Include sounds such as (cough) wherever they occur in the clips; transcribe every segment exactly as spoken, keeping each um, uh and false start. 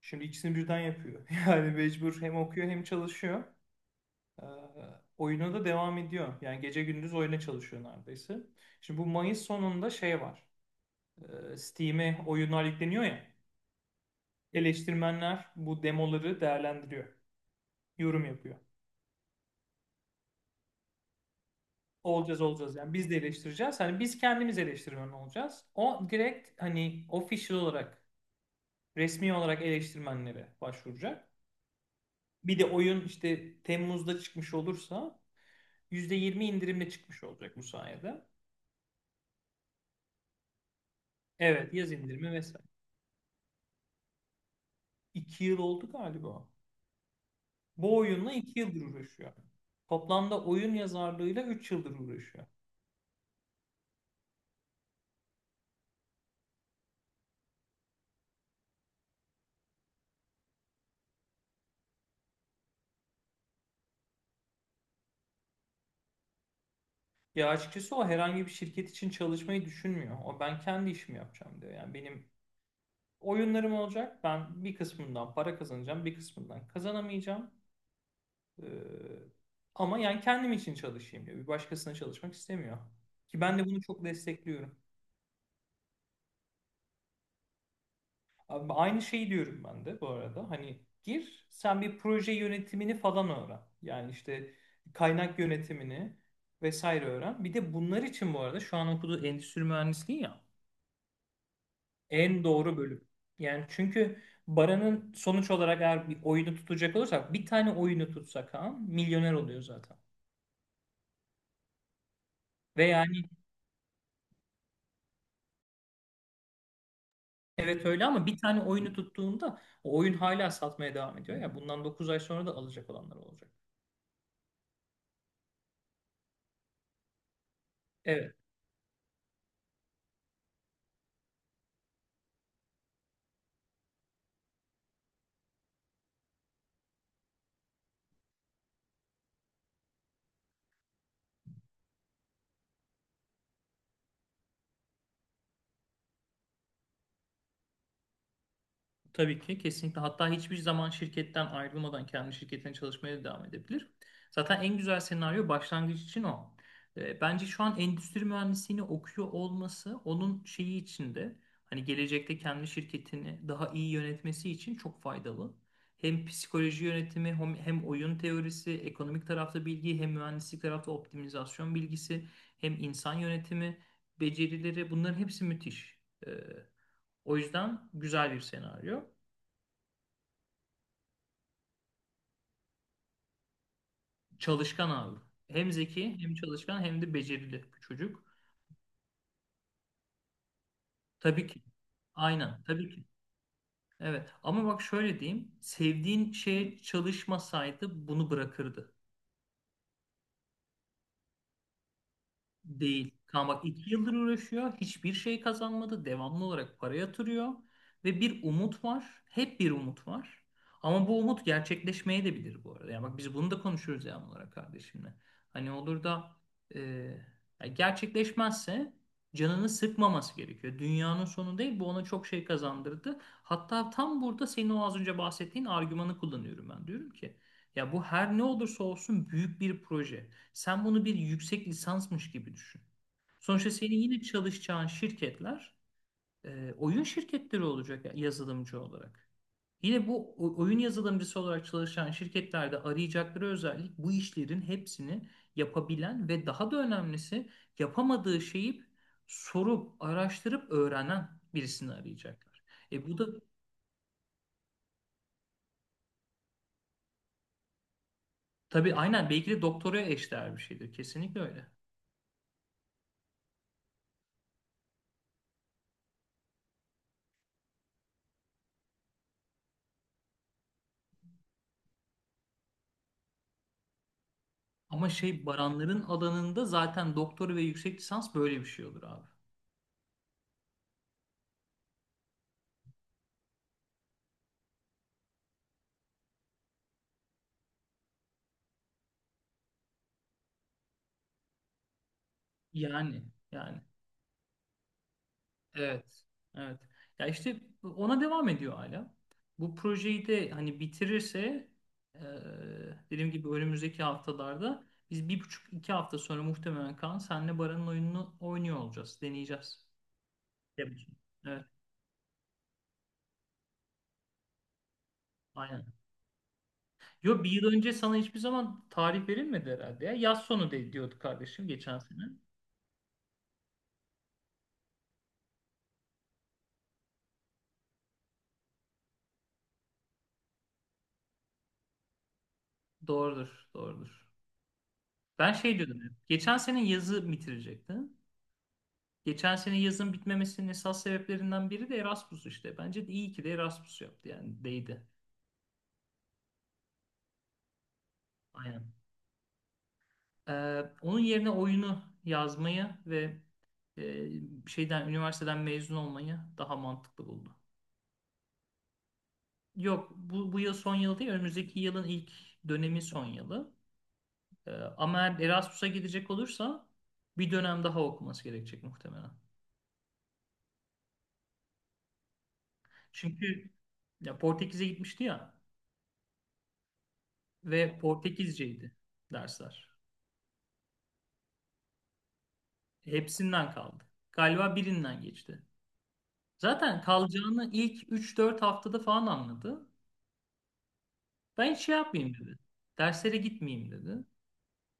Şimdi ikisini birden yapıyor. (laughs) Yani mecbur hem okuyor hem çalışıyor. Ee, oyuna da devam ediyor. Yani gece gündüz oyuna çalışıyor neredeyse. Şimdi bu Mayıs sonunda şey var. Ee, Steam'e oyunlar yükleniyor ya. Eleştirmenler bu demoları değerlendiriyor. Yorum yapıyor. Olacağız olacağız yani biz de eleştireceğiz. Hani biz kendimiz eleştirmen olacağız. O direkt hani official olarak resmi olarak eleştirmenlere başvuracak. Bir de oyun işte Temmuz'da çıkmış olursa yüzde yirmi indirimle çıkmış olacak bu sayede. Evet yaz indirimi vesaire. iki yıl oldu galiba. Bu oyunla iki yıldır uğraşıyor. Toplamda oyun yazarlığıyla üç yıldır uğraşıyor. Ya açıkçası o herhangi bir şirket için çalışmayı düşünmüyor. O ben kendi işimi yapacağım diyor. Yani benim oyunlarım olacak. Ben bir kısmından para kazanacağım, bir kısmından kazanamayacağım. Ee, ama yani kendim için çalışayım diyor. Bir başkasına çalışmak istemiyor. Ki ben de bunu çok destekliyorum. Abi aynı şeyi diyorum ben de bu arada. Hani gir sen bir proje yönetimini falan öğren. Yani işte kaynak yönetimini vesaire öğren. Bir de bunlar için bu arada şu an okuduğu endüstri mühendisliği ya en doğru bölüm. Yani çünkü Baran'ın sonuç olarak eğer bir oyunu tutacak olursak bir tane oyunu tutsak ha milyoner oluyor zaten. Ve yani evet öyle ama bir tane oyunu tuttuğunda o oyun hala satmaya devam ediyor. Ya bundan dokuz ay sonra da alacak olanlar olacak. Evet. Tabii ki kesinlikle. Hatta hiçbir zaman şirketten ayrılmadan kendi şirketine çalışmaya devam edebilir. Zaten en güzel senaryo başlangıç için o. E, Bence şu an endüstri mühendisliğini okuyor olması onun şeyi içinde hani gelecekte kendi şirketini daha iyi yönetmesi için çok faydalı. Hem psikoloji yönetimi hem, hem oyun teorisi, ekonomik tarafta bilgi, hem mühendislik tarafta optimizasyon bilgisi, hem insan yönetimi becerileri bunların hepsi müthiş. E, o yüzden güzel bir senaryo. Çalışkan abi. Hem zeki hem çalışkan hem de becerili bir çocuk. Tabii ki. Aynen tabii ki. Evet ama bak şöyle diyeyim. Sevdiğin şeye çalışmasaydı bunu bırakırdı. Değil. Kaan bak iki yıldır uğraşıyor. Hiçbir şey kazanmadı. Devamlı olarak para yatırıyor. Ve bir umut var. Hep bir umut var. Ama bu umut gerçekleşmeye de bilir bu arada. Yani bak biz bunu da konuşuruz devamlı olarak kardeşimle. Hani olur da e, ya gerçekleşmezse canını sıkmaması gerekiyor. Dünyanın sonu değil. Bu ona çok şey kazandırdı. Hatta tam burada senin o az önce bahsettiğin argümanı kullanıyorum ben. Diyorum ki ya bu her ne olursa olsun büyük bir proje. Sen bunu bir yüksek lisansmış gibi düşün. Sonuçta senin yine çalışacağın şirketler e, oyun şirketleri olacak yazılımcı olarak. Yine bu o- oyun yazılımcısı olarak çalışan şirketlerde arayacakları özellik bu işlerin hepsini yapabilen ve daha da önemlisi yapamadığı şeyi sorup, araştırıp öğrenen birisini arayacaklar. E bu da tabii aynen belki de doktoraya eşdeğer bir şeydir. Kesinlikle öyle. Ama şey Baranların alanında zaten doktor ve yüksek lisans böyle bir şey olur abi. Yani yani evet evet. Ya işte ona devam ediyor hala. Bu projeyi de hani bitirirse e, dediğim gibi önümüzdeki haftalarda biz bir buçuk iki hafta sonra muhtemelen Kaan senle Baran'ın oyununu oynuyor olacağız. Deneyeceğiz. Evet. Evet. Aynen. Yo bir yıl önce sana hiçbir zaman tarih verilmedi herhalde ya. Yaz sonu de, diyordu kardeşim geçen sene. Doğrudur. Doğrudur. Ben şey diyordum. hep, Geçen sene yazı bitirecekti. Geçen sene yazın bitmemesinin esas sebeplerinden biri de Erasmus işte. Bence de iyi ki de Erasmus yaptı yani değdi. Aynen. Ee, onun yerine oyunu yazmayı ve e, şeyden üniversiteden mezun olmayı daha mantıklı buldu. Yok bu, bu yıl son yıl değil önümüzdeki yılın ilk dönemi son yılı. Ee, ama eğer Erasmus'a gidecek olursa bir dönem daha okuması gerekecek muhtemelen. Çünkü ya Portekiz'e gitmişti ya ve Portekizceydi dersler. Hepsinden kaldı. Galiba birinden geçti. Zaten kalacağını ilk üç dört haftada falan anladı. Ben hiç şey yapmayayım dedi. Derslere gitmeyeyim dedi.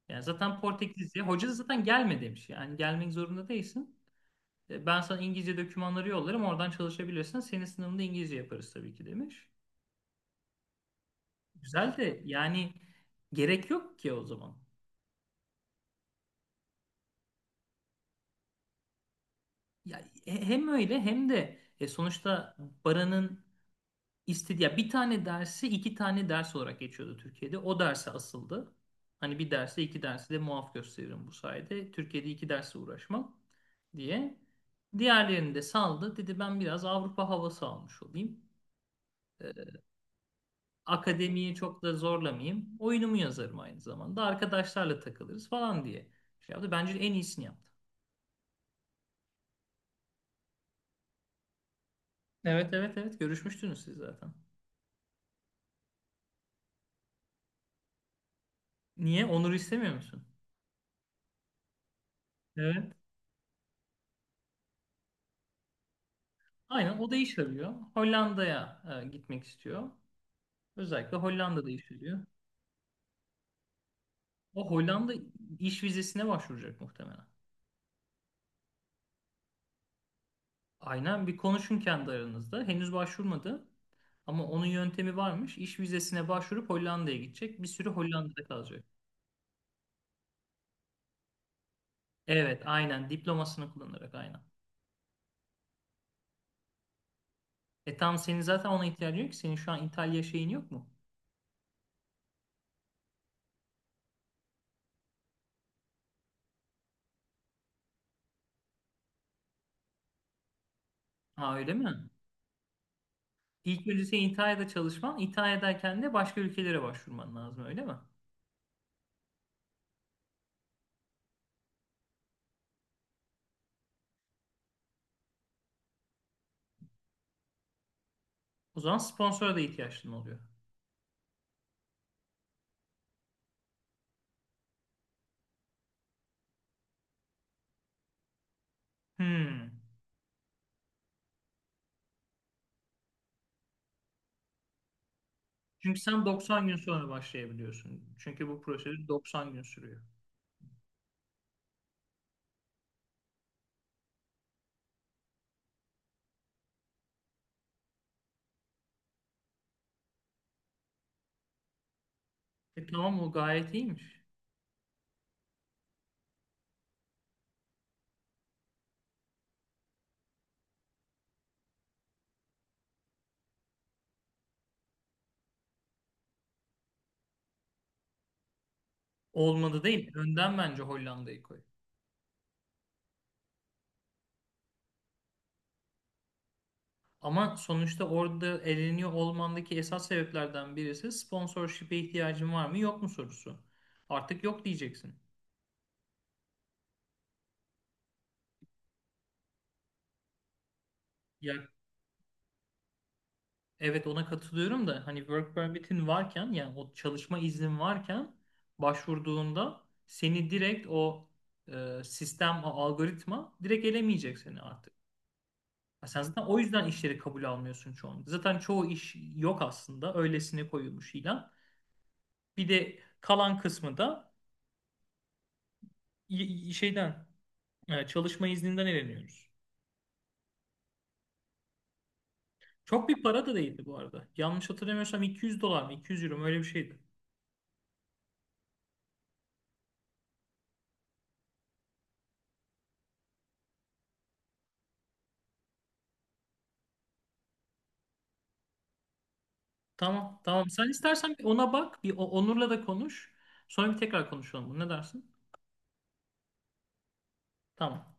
Yani zaten Portekizce. Hoca da zaten gelme demiş. Yani gelmek zorunda değilsin. E, Ben sana İngilizce dokümanları yollarım. Oradan çalışabilirsin. Senin sınavında İngilizce yaparız tabii ki demiş. Güzel de yani gerek yok ki o zaman. Ya, he- hem öyle hem de e, sonuçta Baran'ın İstedi ya bir tane dersi iki tane ders olarak geçiyordu Türkiye'de. O derse asıldı. Hani bir derse iki dersi de muaf gösteririm bu sayede. Türkiye'de iki derse uğraşmam diye. Diğerlerini de saldı. Dedi ben biraz Avrupa havası almış olayım. Ee, akademiyi çok da zorlamayayım. Oyunumu yazarım aynı zamanda. Arkadaşlarla takılırız falan diye şey yaptı. Bence en iyisini yaptı. Evet evet evet görüşmüştünüz siz zaten. Niye? Onur'u istemiyor musun? Evet. Aynen o da iş arıyor. Hollanda'ya e, gitmek istiyor. Özellikle Hollanda'da iş arıyor. O Hollanda iş vizesine başvuracak muhtemelen. Aynen bir konuşun kendi aranızda. Henüz başvurmadı ama onun yöntemi varmış. İş vizesine başvurup Hollanda'ya gidecek. Bir süre Hollanda'da kalacak. Evet, aynen diplomasını kullanarak aynen. E tam senin zaten ona ihtiyacın yok ki. Senin şu an İtalya şeyin yok mu? Ha öyle mi? İlk önce senin İtalya'da çalışman, İtalya'dayken de başka ülkelere başvurman lazım öyle mi? O zaman sponsora da ihtiyaçın oluyor. Hmm. Çünkü sen doksan gün sonra başlayabiliyorsun. Çünkü bu prosedür doksan gün sürüyor. E tamam o gayet iyiymiş. Olmadı değil. Önden bence Hollanda'yı koy. Ama sonuçta orada eleniyor olmandaki esas sebeplerden birisi sponsorship'e ihtiyacın var mı yok mu sorusu. Artık yok diyeceksin. Ya evet ona katılıyorum da hani work permit'in varken yani o çalışma iznin varken başvurduğunda seni direkt o e, sistem, o algoritma direkt elemeyecek seni artık. Ya sen zaten o yüzden işleri kabul almıyorsun çoğunlukla. Zaten çoğu iş yok aslında. Öylesine koyulmuş ilan. Bir de kalan kısmı da y- y- şeyden e, çalışma izninden eleniyoruz. Çok bir para da değildi bu arada. Yanlış hatırlamıyorsam iki yüz dolar mı iki yüz euro mu öyle bir şeydi. Tamam tamam. Sen istersen bir ona bak. Bir o- Onur'la da konuş. Sonra bir tekrar konuşalım. Ne dersin? Tamam.